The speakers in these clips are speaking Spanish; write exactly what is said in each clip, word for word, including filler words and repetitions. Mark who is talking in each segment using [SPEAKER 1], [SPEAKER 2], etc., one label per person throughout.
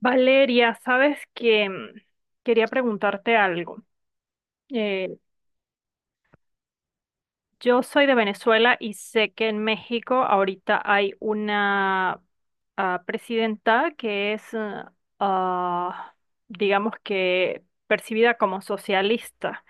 [SPEAKER 1] Valeria, sabes que mm, quería preguntarte algo. Eh, yo soy de Venezuela y sé que en México ahorita hay una ah, presidenta que es, ah, ah, digamos que percibida como socialista.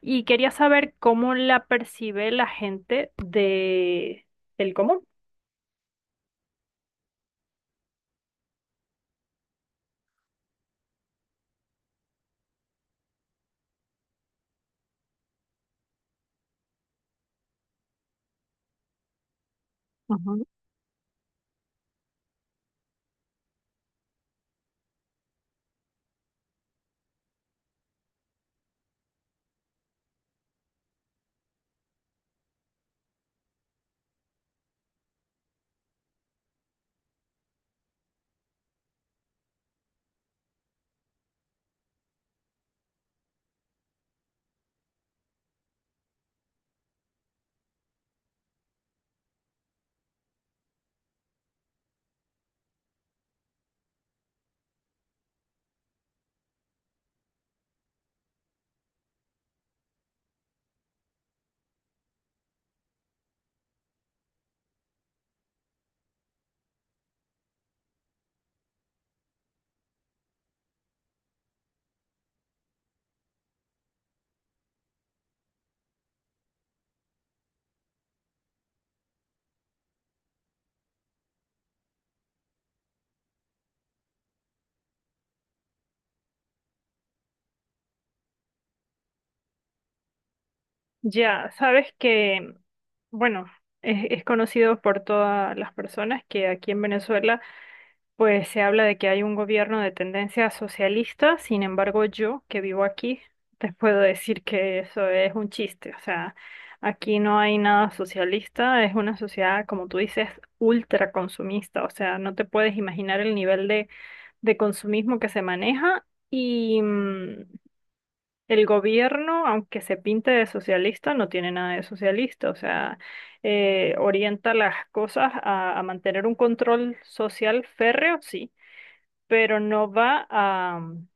[SPEAKER 1] Y quería saber cómo la percibe la gente de, del común. Ujú. Ya, sabes que, mm, bueno, es, es conocido por todas las personas que aquí en Venezuela pues se habla de que hay un gobierno de tendencia socialista. Sin embargo, yo, que vivo aquí, te puedo decir que eso es un chiste, o sea, aquí no hay nada socialista, es una sociedad, como tú dices, ultra consumista, o sea, no te puedes imaginar el nivel de, de consumismo que se maneja y mm, el gobierno, aunque se pinte de socialista, no tiene nada de socialista, o sea, eh, orienta las cosas a a mantener un control social férreo, sí, pero no va a, mm,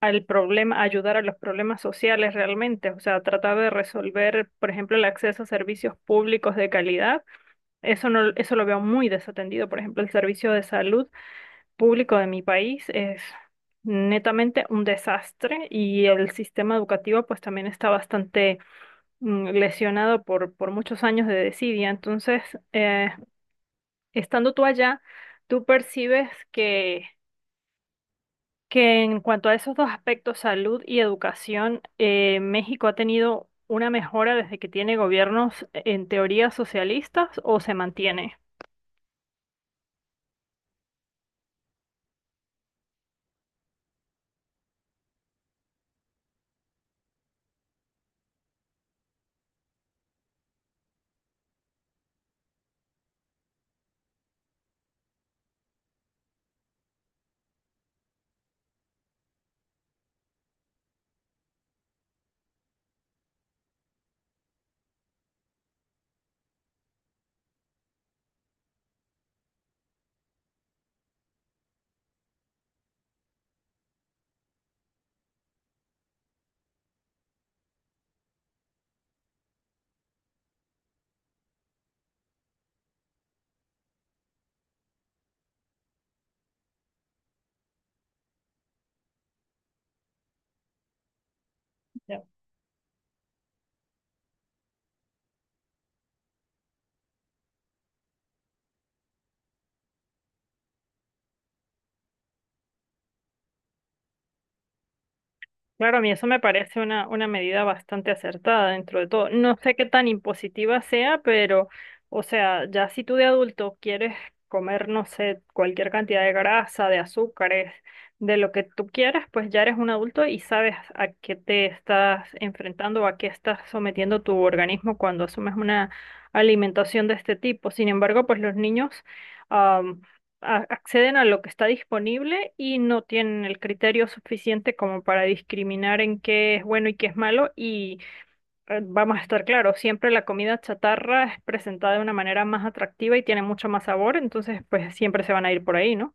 [SPEAKER 1] al problema, a ayudar a los problemas sociales realmente. O sea, tratar de resolver, por ejemplo, el acceso a servicios públicos de calidad. Eso no, eso lo veo muy desatendido. Por ejemplo, el servicio de salud público de mi país es netamente un desastre, y el sistema educativo pues también está bastante mm, lesionado por, por muchos años de desidia. Entonces, eh, estando tú allá, tú percibes que que en cuanto a esos dos aspectos, salud y educación, eh, ¿México ha tenido una mejora desde que tiene gobiernos en teoría socialistas o se mantiene? Claro, a mí eso me parece una, una medida bastante acertada dentro de todo. No sé qué tan impositiva sea, pero, o sea, ya si tú de adulto quieres comer, no sé, cualquier cantidad de grasa, de azúcares, de lo que tú quieras, pues ya eres un adulto y sabes a qué te estás enfrentando o a qué estás sometiendo tu organismo cuando asumes una alimentación de este tipo. Sin embargo, pues los niños, a- acceden a lo que está disponible y no tienen el criterio suficiente como para discriminar en qué es bueno y qué es malo. Y eh, vamos a estar claros, siempre la comida chatarra es presentada de una manera más atractiva y tiene mucho más sabor, entonces pues siempre se van a ir por ahí, ¿no?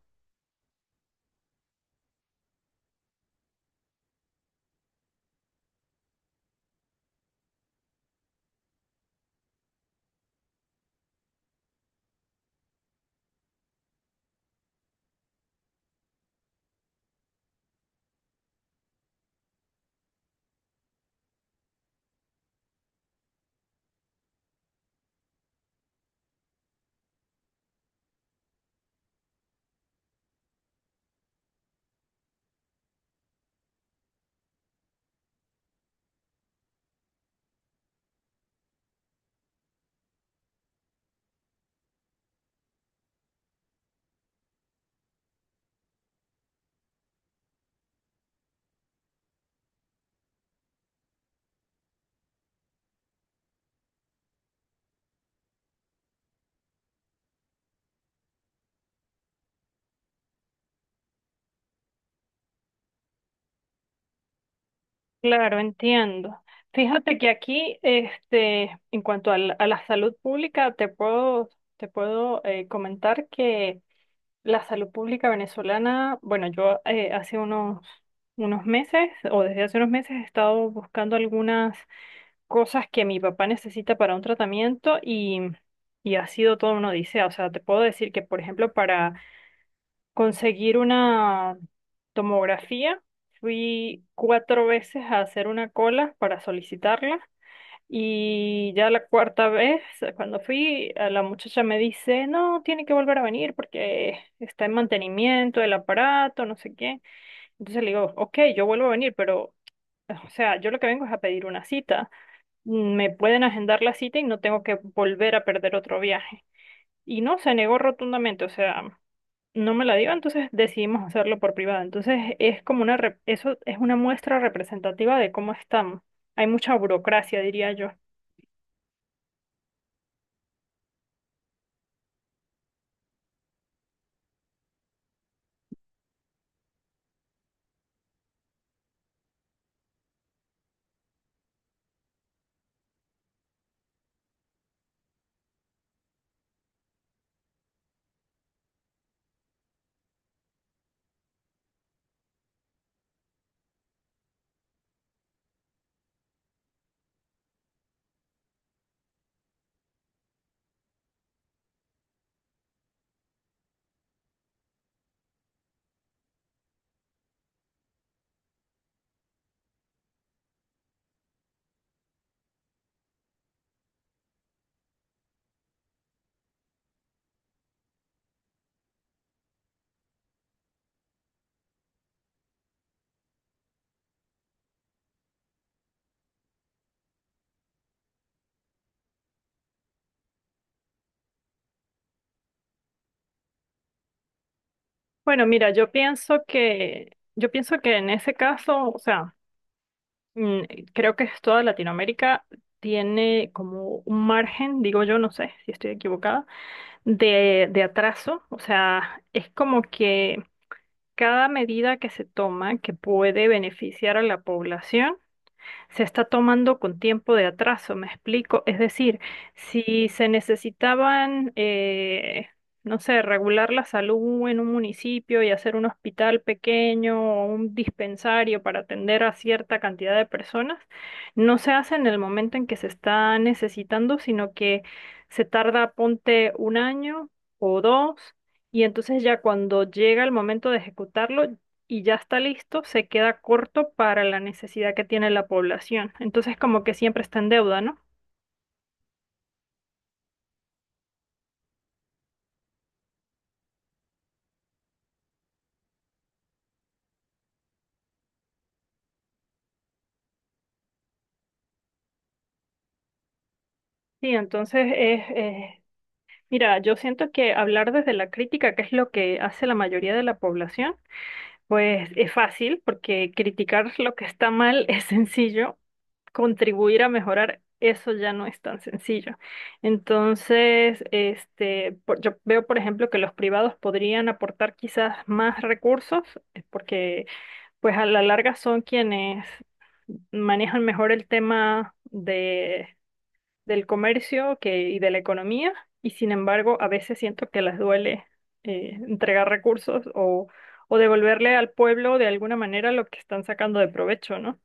[SPEAKER 1] Claro, entiendo. Fíjate que aquí, este, en cuanto al- a la, salud pública, te puedo, te puedo eh, comentar que la salud pública venezolana, bueno, yo eh, hace unos, unos meses o desde hace unos meses he estado buscando algunas cosas que mi papá necesita para un tratamiento y, y ha sido todo una odisea. O sea, te puedo decir que, por ejemplo, para conseguir una tomografía, fui cuatro veces a hacer una cola para solicitarla, y ya la cuarta vez, cuando fui, a la muchacha me dice, no, tiene que volver a venir porque está en mantenimiento del aparato, no sé qué. Entonces le digo, ok, yo vuelvo a venir, pero, o sea, yo lo que vengo es a pedir una cita. Me pueden agendar la cita y no tengo que volver a perder otro viaje. Y no, se negó rotundamente, o sea, no me la dio, entonces decidimos hacerlo por privado. Entonces es como una, rep- eso es una muestra representativa de cómo estamos. Hay mucha burocracia, diría yo. Bueno, mira, yo pienso que, yo pienso que en ese caso, o sea, mm, creo que es toda Latinoamérica tiene como un margen, digo yo, no sé si estoy equivocada, de, de atraso. O sea, es como que cada medida que se toma que puede beneficiar a la población se está tomando con tiempo de atraso, me explico. Es decir, si se necesitaban, eh, no sé, regular la salud en un municipio y hacer un hospital pequeño o un dispensario para atender a cierta cantidad de personas, no se hace en el momento en que se está necesitando, sino que se tarda, ponte, un año o dos. Y entonces ya cuando llega el momento de ejecutarlo, y ya está listo, se queda corto para la necesidad que tiene la población. Entonces, como que siempre está en deuda, ¿no? Sí, entonces es, es- mira, yo siento que hablar desde la crítica, que es lo que hace la mayoría de la población, pues es fácil, porque criticar lo que está mal es sencillo, contribuir a mejorar eso ya no es tan sencillo. Entonces, este, por- yo veo, por ejemplo, que los privados podrían aportar quizás más recursos, eh, porque pues a la larga son quienes manejan mejor el tema de, del comercio que, y de la economía, y sin embargo a veces siento que les duele eh, entregar recursos o, o devolverle al pueblo de alguna manera lo que están sacando de provecho, ¿no?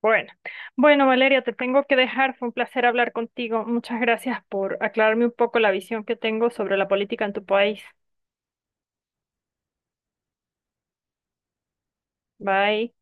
[SPEAKER 1] Bueno, bueno, Valeria, te tengo que dejar. Fue un placer hablar contigo. Muchas gracias por aclararme un poco la visión que tengo sobre la política en tu país. Bye.